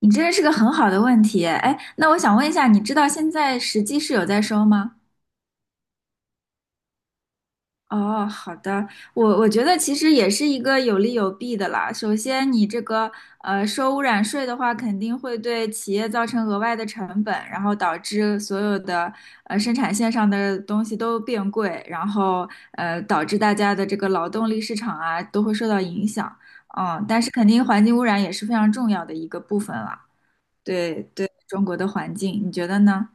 你这是个很好的问题，哎，那我想问一下，你知道现在实际是有在收吗？哦，好的，我觉得其实也是一个有利有弊的啦。首先，你这个收污染税的话，肯定会对企业造成额外的成本，然后导致所有的生产线上的东西都变贵，然后导致大家的这个劳动力市场啊都会受到影响。但是肯定环境污染也是非常重要的一个部分了。对，对中国的环境，你觉得呢？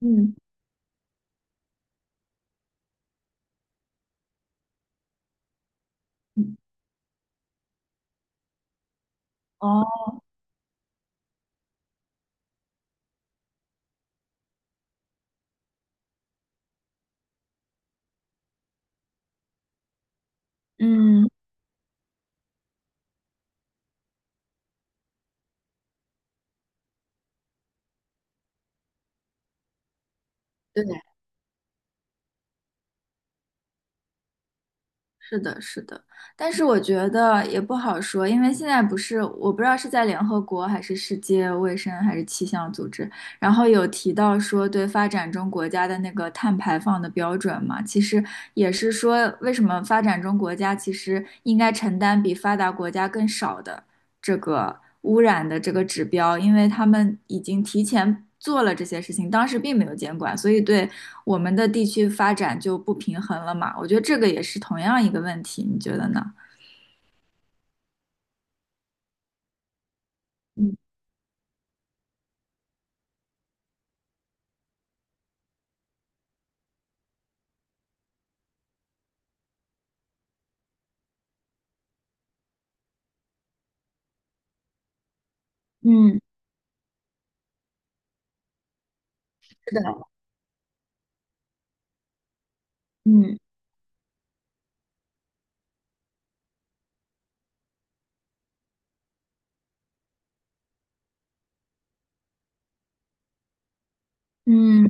嗯，嗯哦，嗯，对，是的，是的，但是我觉得也不好说，因为现在不是我不知道是在联合国还是世界卫生还是气象组织，然后有提到说对发展中国家的那个碳排放的标准嘛，其实也是说为什么发展中国家其实应该承担比发达国家更少的这个污染的这个指标，因为他们已经提前做了这些事情，当时并没有监管，所以对我们的地区发展就不平衡了嘛。我觉得这个也是同样一个问题，你觉得呢？嗯嗯嗯嗯。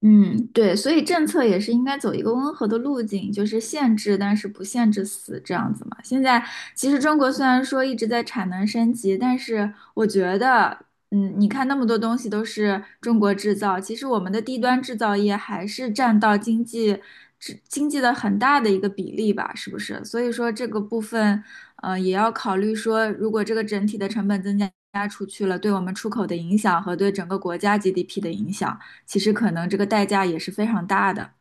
嗯，对，所以政策也是应该走一个温和的路径，就是限制，但是不限制死这样子嘛。现在其实中国虽然说一直在产能升级，但是我觉得，你看那么多东西都是中国制造，其实我们的低端制造业还是占到经济制经济的很大的一个比例吧，是不是？所以说这个部分，也要考虑说，如果这个整体的成本增加出去了，对我们出口的影响和对整个国家 GDP 的影响。其实可能这个代价也是非常大的。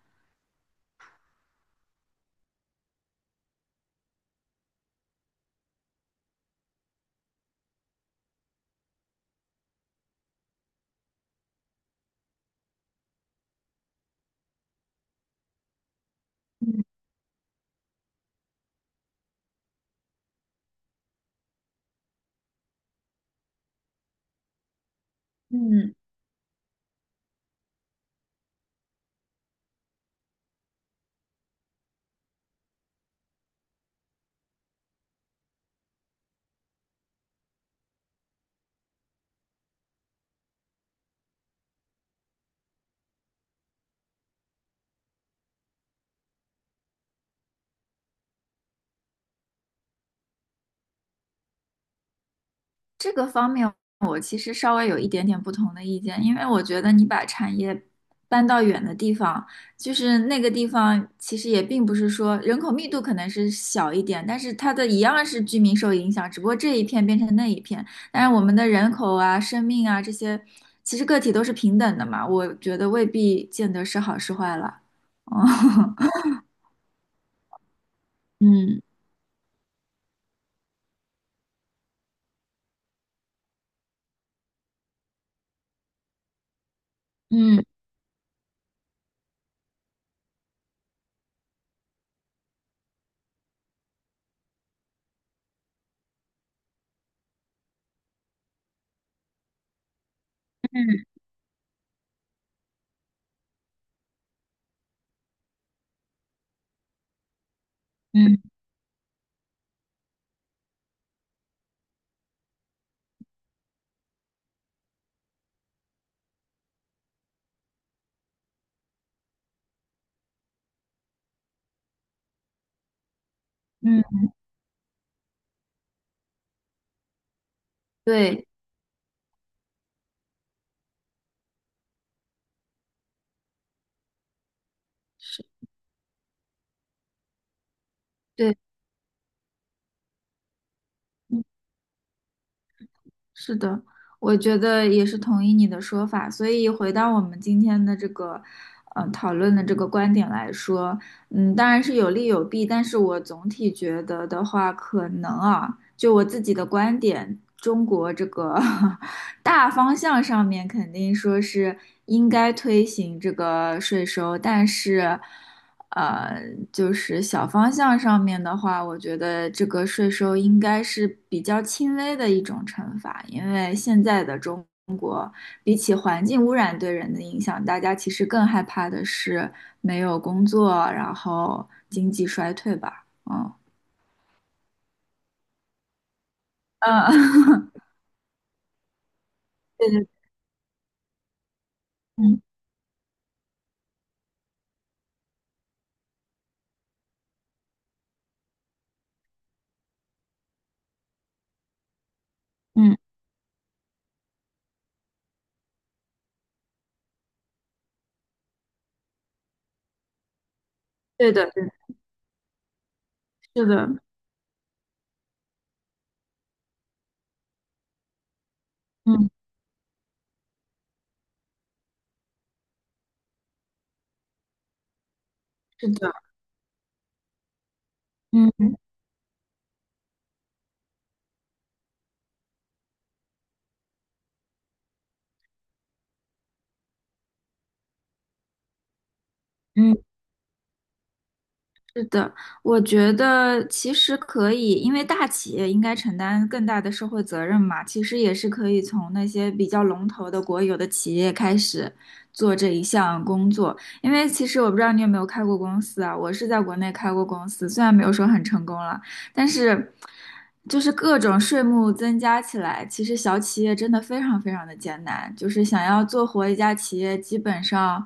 嗯嗯，这个方面我其实稍微有一点点不同的意见，因为我觉得你把产业搬到远的地方，就是那个地方其实也并不是说人口密度可能是小一点，但是它的一样是居民受影响，只不过这一片变成那一片。但是我们的人口啊、生命啊这些，其实个体都是平等的嘛，我觉得未必见得是好是坏了。哦，嗯嗯嗯嗯嗯，对，是，对，嗯是的，我觉得也是同意你的说法。所以回到我们今天的这个，讨论的这个观点来说，当然是有利有弊，但是我总体觉得的话，可能啊，就我自己的观点，中国这个 大方向上面肯定说是应该推行这个税收，但是，呃，就是小方向上面的话，我觉得这个税收应该是比较轻微的一种惩罚，因为现在的中比起环境污染对人的影响，大家其实更害怕的是没有工作，然后经济衰退吧。嗯嗯，对对，嗯嗯，对的，对的，是的，嗯，是的，嗯。嗯是的，我觉得其实可以，因为大企业应该承担更大的社会责任嘛，其实也是可以从那些比较龙头的国有的企业开始做这一项工作。因为其实我不知道你有没有开过公司啊，我是在国内开过公司，虽然没有说很成功了。但是就是各种税目增加起来，其实小企业真的非常非常的艰难，就是想要做活一家企业，基本上。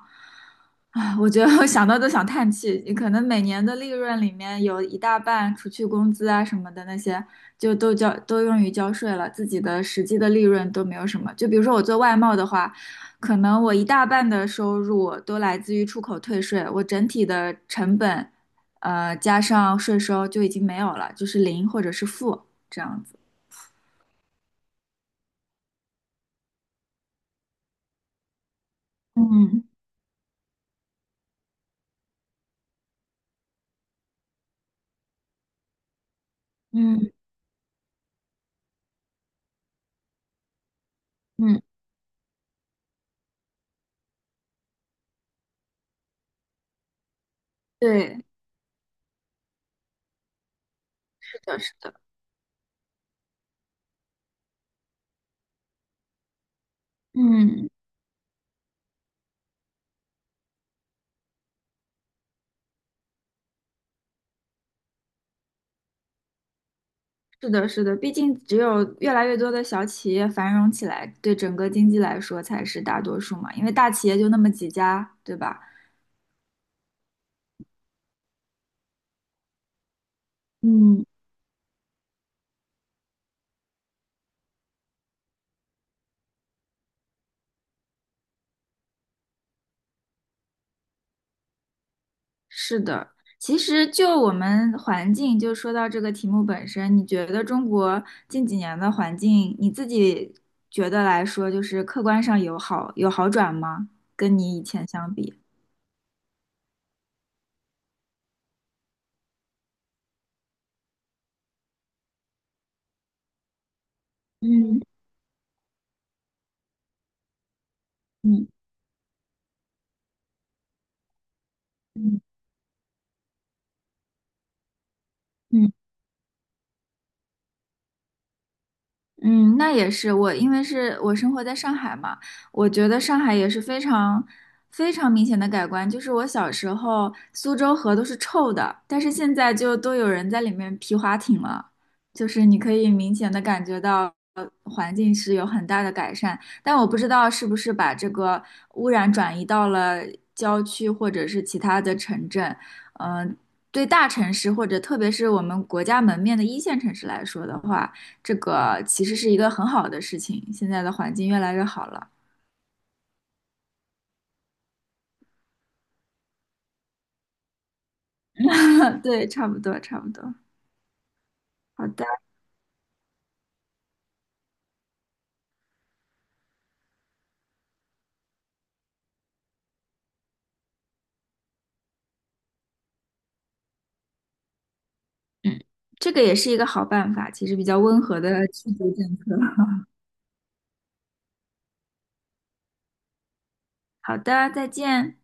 啊，我觉得我想到都想叹气。你可能每年的利润里面有一大半，除去工资啊什么的那些，就都用于交税了，自己的实际的利润都没有什么。就比如说我做外贸的话，可能我一大半的收入都来自于出口退税，我整体的成本加上税收就已经没有了，就是零或者是负这样子。嗯嗯嗯，对，是的，是的，嗯，是的，是的。毕竟只有越来越多的小企业繁荣起来，对整个经济来说才是大多数嘛。因为大企业就那么几家，对吧？嗯是的，其实就我们环境，就说到这个题目本身，你觉得中国近几年的环境，你自己觉得来说，就是客观上有好转吗？跟你以前相比？嗯嗯嗯嗯。嗯，那也是我，因为是我生活在上海嘛，我觉得上海也是非常非常明显的改观。就是我小时候苏州河都是臭的，但是现在就都有人在里面皮划艇了，就是你可以明显的感觉到环境是有很大的改善。但我不知道是不是把这个污染转移到了郊区或者是其他的城镇，嗯、对大城市或者特别是我们国家门面的一线城市来说的话。这个其实是一个很好的事情，现在的环境越来越好了。嗯，对，差不多，差不多。好的，这个也是一个好办法，其实比较温和的去逐政策。好的，再见。